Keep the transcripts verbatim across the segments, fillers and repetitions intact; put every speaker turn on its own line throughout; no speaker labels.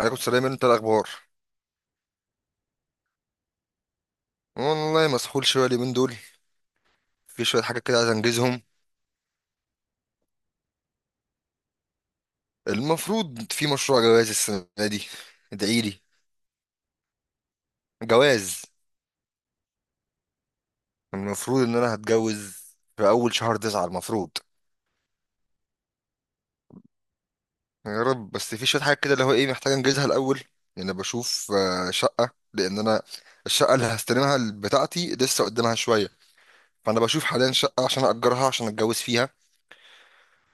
عليكم السلام. انت الاخبار؟ والله مسحول شويه اليومين دول، في شويه حاجات كده عايز انجزهم. المفروض في مشروع جواز السنه دي. ادعي لي. جواز. المفروض ان انا هتجوز في اول شهر تسعة المفروض. يا رب، بس في شويه حاجات كده اللي هو ايه محتاج انجزها الاول، لان انا بشوف آه، شقه. لان انا الشقه اللي هستلمها بتاعتي لسه قدامها شويه، فانا بشوف حاليا شقه عشان اجرها عشان اتجوز فيها.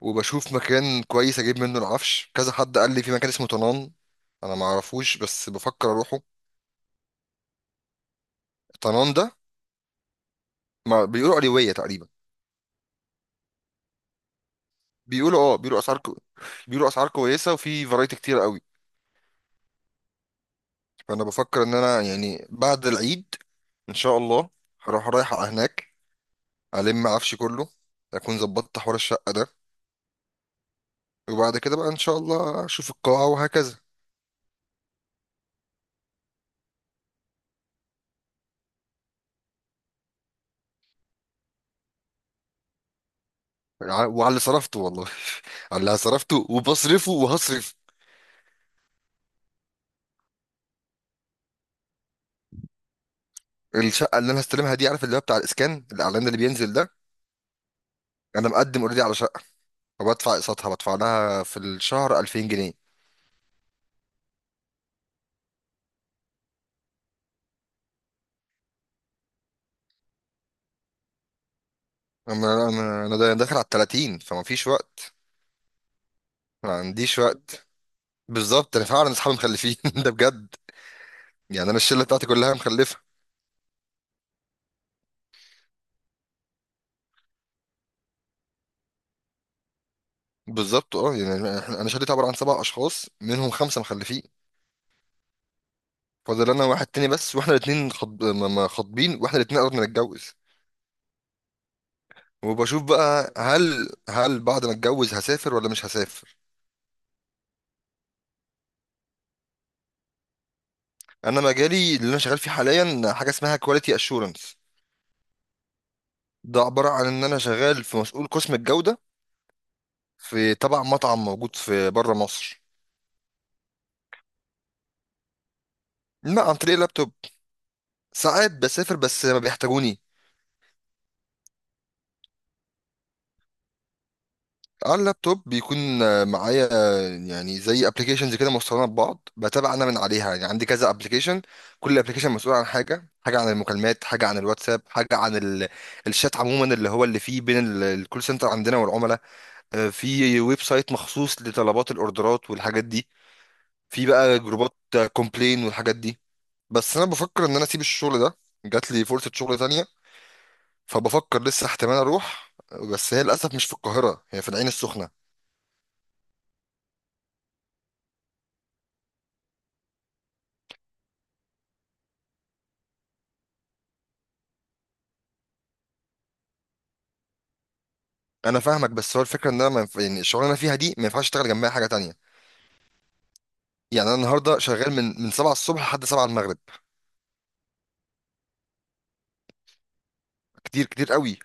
وبشوف مكان كويس اجيب منه العفش. كذا حد قال لي في مكان اسمه طنان. انا ما اعرفوش بس بفكر اروحه. طنان ده ما بيقولوا علوية تقريبا. بيقولوا اه، بيقولوا اسعار كو... بيقولوا اسعار كويسة وفي فرايتي كتير قوي. فانا بفكر ان انا يعني بعد العيد ان شاء الله هروح رايح على هناك، الم عفشي كله، اكون ظبطت حوار الشقة ده. وبعد كده بقى ان شاء الله اشوف القاعة وهكذا. ع- وعلى اللي صرفته والله. على اللي صرفته وبصرفه وهصرف. الشقه اللي انا هستلمها دي، عارف اللي هو بتاع الاسكان الاعلان اللي بينزل ده، انا مقدم اوريدي على شقه وبدفع اقساطها، بدفع لها في الشهر ألفين جنيه. انا انا انا دا- داخل على ال الثلاثين، فما فيش وقت. ما عنديش وقت. بالظبط انا فعلا اصحابي مخلفين ده بجد. يعني انا الشله بتاعتي كلها مخلفه. بالظبط اه، يعني إحنا- انا شلتي عباره عن سبع اشخاص، منهم خمسه مخلفين. فاضل انا واحد تاني بس، واحنا الاثنين خطب... ما- ما خاطبين واحنا الاثنين قربنا نتجوز. وبشوف بقى هل هل بعد ما اتجوز هسافر ولا مش هسافر. انا مجالي اللي انا شغال فيه حاليا حاجه اسمها كواليتي اشورنس. ده عباره عن ان انا شغال في مسؤول قسم الجوده في تبع مطعم موجود في بره مصر. لا، عن طريق اللابتوب. ساعات بسافر بس ما بيحتاجوني. على اللابتوب بيكون آه، معايا آه، يعني زي ابلكيشنز كده مستخدمه ببعض بتابع انا من عليها، يعني عندي كذا ابلكيشن. كل ابلكيشن مسؤول عن حاجه، حاجه عن المكالمات، حاجه عن الواتساب، حاجه عن ال- الشات عموما اللي هو اللي فيه بين ال- الكول سنتر عندنا والعملاء. آه، في ويب سايت مخصوص لطلبات الاوردرات والحاجات دي. في بقى جروبات كومبلين والحاجات دي. بس انا بفكر ان انا اسيب الشغل ده، جات لي فرصة شغل تانية، فبفكر لسه احتمال اروح. بس هي للاسف مش في القاهرة، هي في العين السخنة. انا فاهمك بس هو الفكرة ان انا ما ينف... يعني الشغلانة اللي انا فيها دي ما ينفعش اشتغل جنبها حاجة تانية. يعني انا النهاردة شغال من من سبعة الصبح لحد سبعة المغرب. كتير كتير قوي.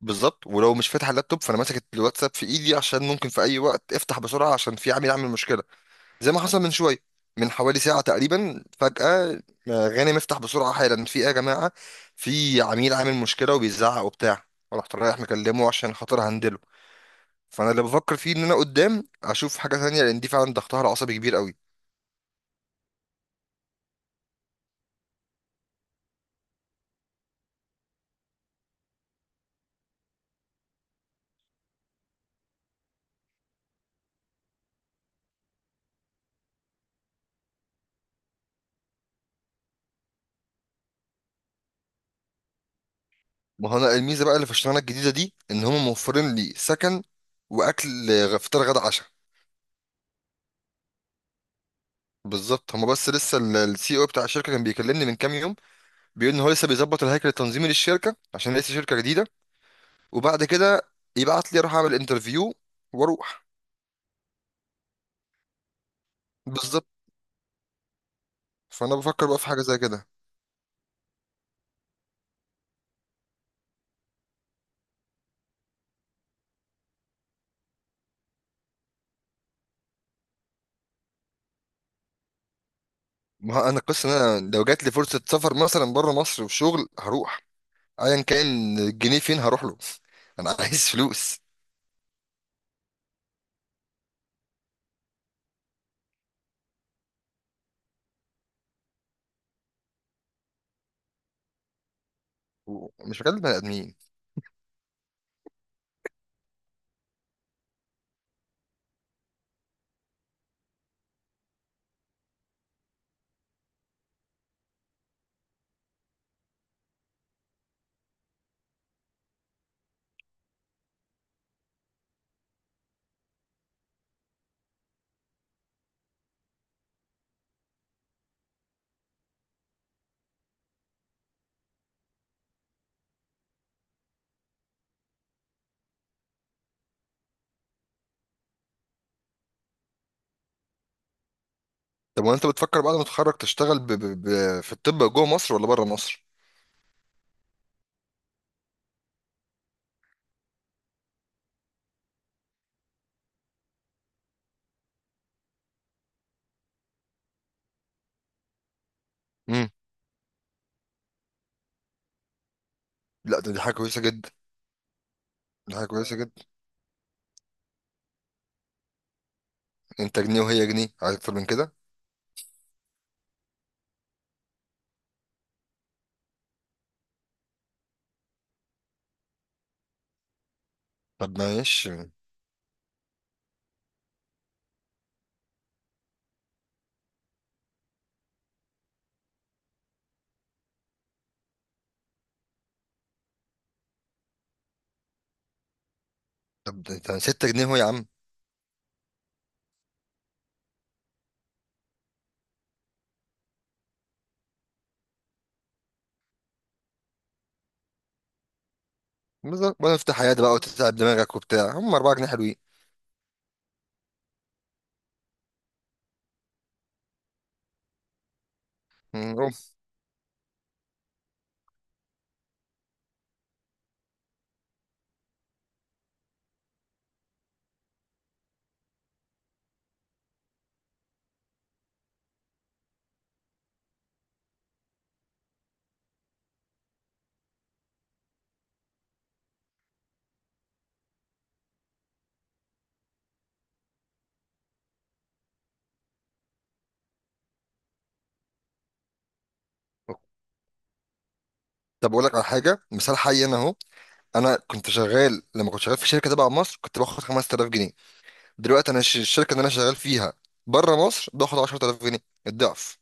بالظبط. ولو مش فاتح اللابتوب فانا ماسك الواتساب في ايدي، عشان ممكن في اي وقت افتح بسرعة عشان في عامل يعمل مشكلة زي ما حصل من شويه، من حوالي ساعة تقريبا. فجأة آه، غانم، افتح بسرعة حالا، في ايه يا جماعة؟ في عميل عامل مشكلة وبيزعق وبتاع. رحت رايح مكلمه عشان خاطر هندله. فانا اللي بفكر فيه ان انا قدام اشوف حاجة تانية، لان دي فعلا ضغطها العصبي كبير قوي. ما هو انا الميزة بقى اللي في الشغلانة الجديدة دي ان هم موفرين لي سكن واكل، آه، فطار غدا عشاء. بالظبط. هما بس لسه السي او بتاع الشركه كان بيكلمني من كام يوم، بيقول ان هو لسه بيظبط الهيكل التنظيمي للشركه عشان لسه شركه جديده، وبعد كده يبعت لي اروح اعمل انترفيو واروح. بالظبط. فانا بفكر بقى في حاجه زي كده. ما هو انا القصه ان انا لو جات لي فرصه سفر مثلا بره مصر وشغل هروح. ايا كان الجنيه فين هروح له. انا عايز فلوس. مش هكلم بني ادمين. طب وانت بتفكر بعد ما تتخرج تشتغل ب... ب... ب... في الطب جوه مصر ولا بره مصر؟ امم. لا، ده دي حاجه كويسه جدا. دي حاجه كويسه جدا. انت جنيه وهي جنيه، عايز اكتر من كده؟ طب معلش. طب ده ستة جنيه اهو يا عم. بالظبط، ولا افتح حياتي بقى وتتعب دماغك وبتاع، هم اربعة جنيه حلوين. مم، أوف. طب اقول لك على حاجه، مثال حي انا اهو. انا كنت شغال، لما كنت شغال في شركه تبع مصر كنت باخد خمسة آلاف جنيه. دلوقتي انا الش- الشركه اللي انا شغال فيها بره مصر باخد عشرة آلاف جنيه، الضعف.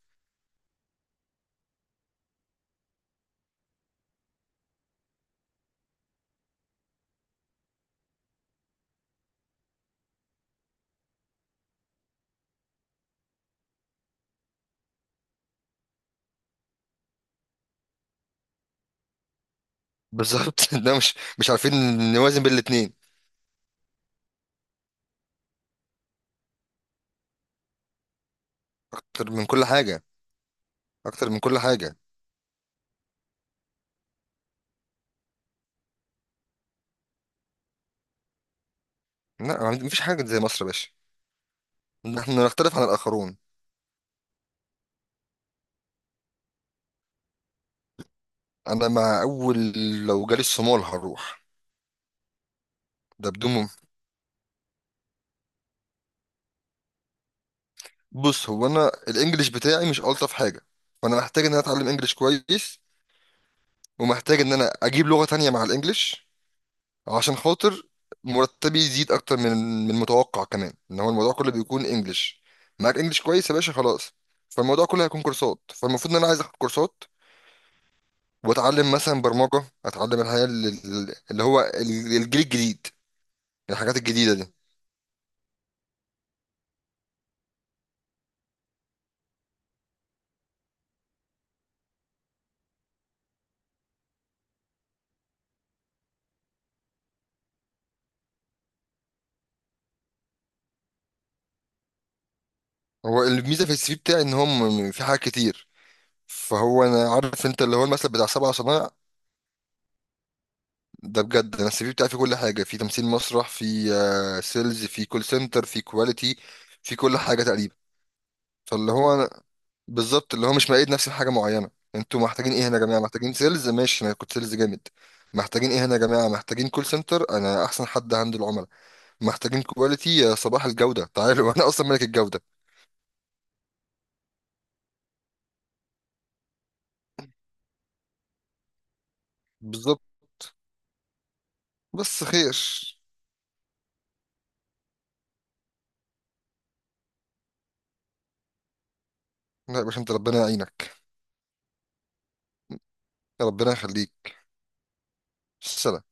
بالظبط. ده مش مش عارفين نوازن بين الاتنين. اكتر من كل حاجه. اكتر من كل حاجه. لا، ما فيش حاجه زي مصر يا باشا. احنا نختلف عن الاخرون. انا مع اول، لو جالي الصومال هروح. ده بدون مم- بص هو انا الانجليش بتاعي مش الطف حاجه، فانا محتاج ان انا اتعلم انجليش كويس، ومحتاج ان انا اجيب لغة تانية مع الانجليش عشان خاطر مرتبي يزيد اكتر من من المتوقع. كمان ان هو الموضوع كله بيكون انجليش، معاك انجليش كويس يا باشا خلاص. فالموضوع كله هيكون كورسات، فالمفروض ان انا عايز اخد كورسات، واتعلم مثلا برمجة، اتعلم الحياة اللي اللي هو الجيل الجديد، الحاجات الجديدة دي. هو الميزة في السي في بتاعي ان هم في حاجات كتير. فهو انا عارف انت اللي هو المثل بتاع سبع صنايع. ده بجد، انا السي في بتاعي فيه كل حاجه، في تمثيل مسرح، في آه، سيلز، في كول سنتر، في كواليتي، في كل حاجه تقريبا. فاللي هو أنا بالظبط اللي هو مش مقيد نفسي بحاجه معينه. انتوا محتاجين ايه هنا يا جماعه؟ محتاجين سيلز؟ ماشي، انا كنت سيلز جامد. محتاجين ايه هنا يا جماعه؟ محتاجين كول سنتر؟ انا احسن حد هندل العملاء. محتاجين كواليتي؟ يا صباح الجوده، تعالوا. انا اصلا ملك الجوده. بالظبط. بس خير. لا يا باشا، انت ربنا يعينك. ربنا يخليك. سلام.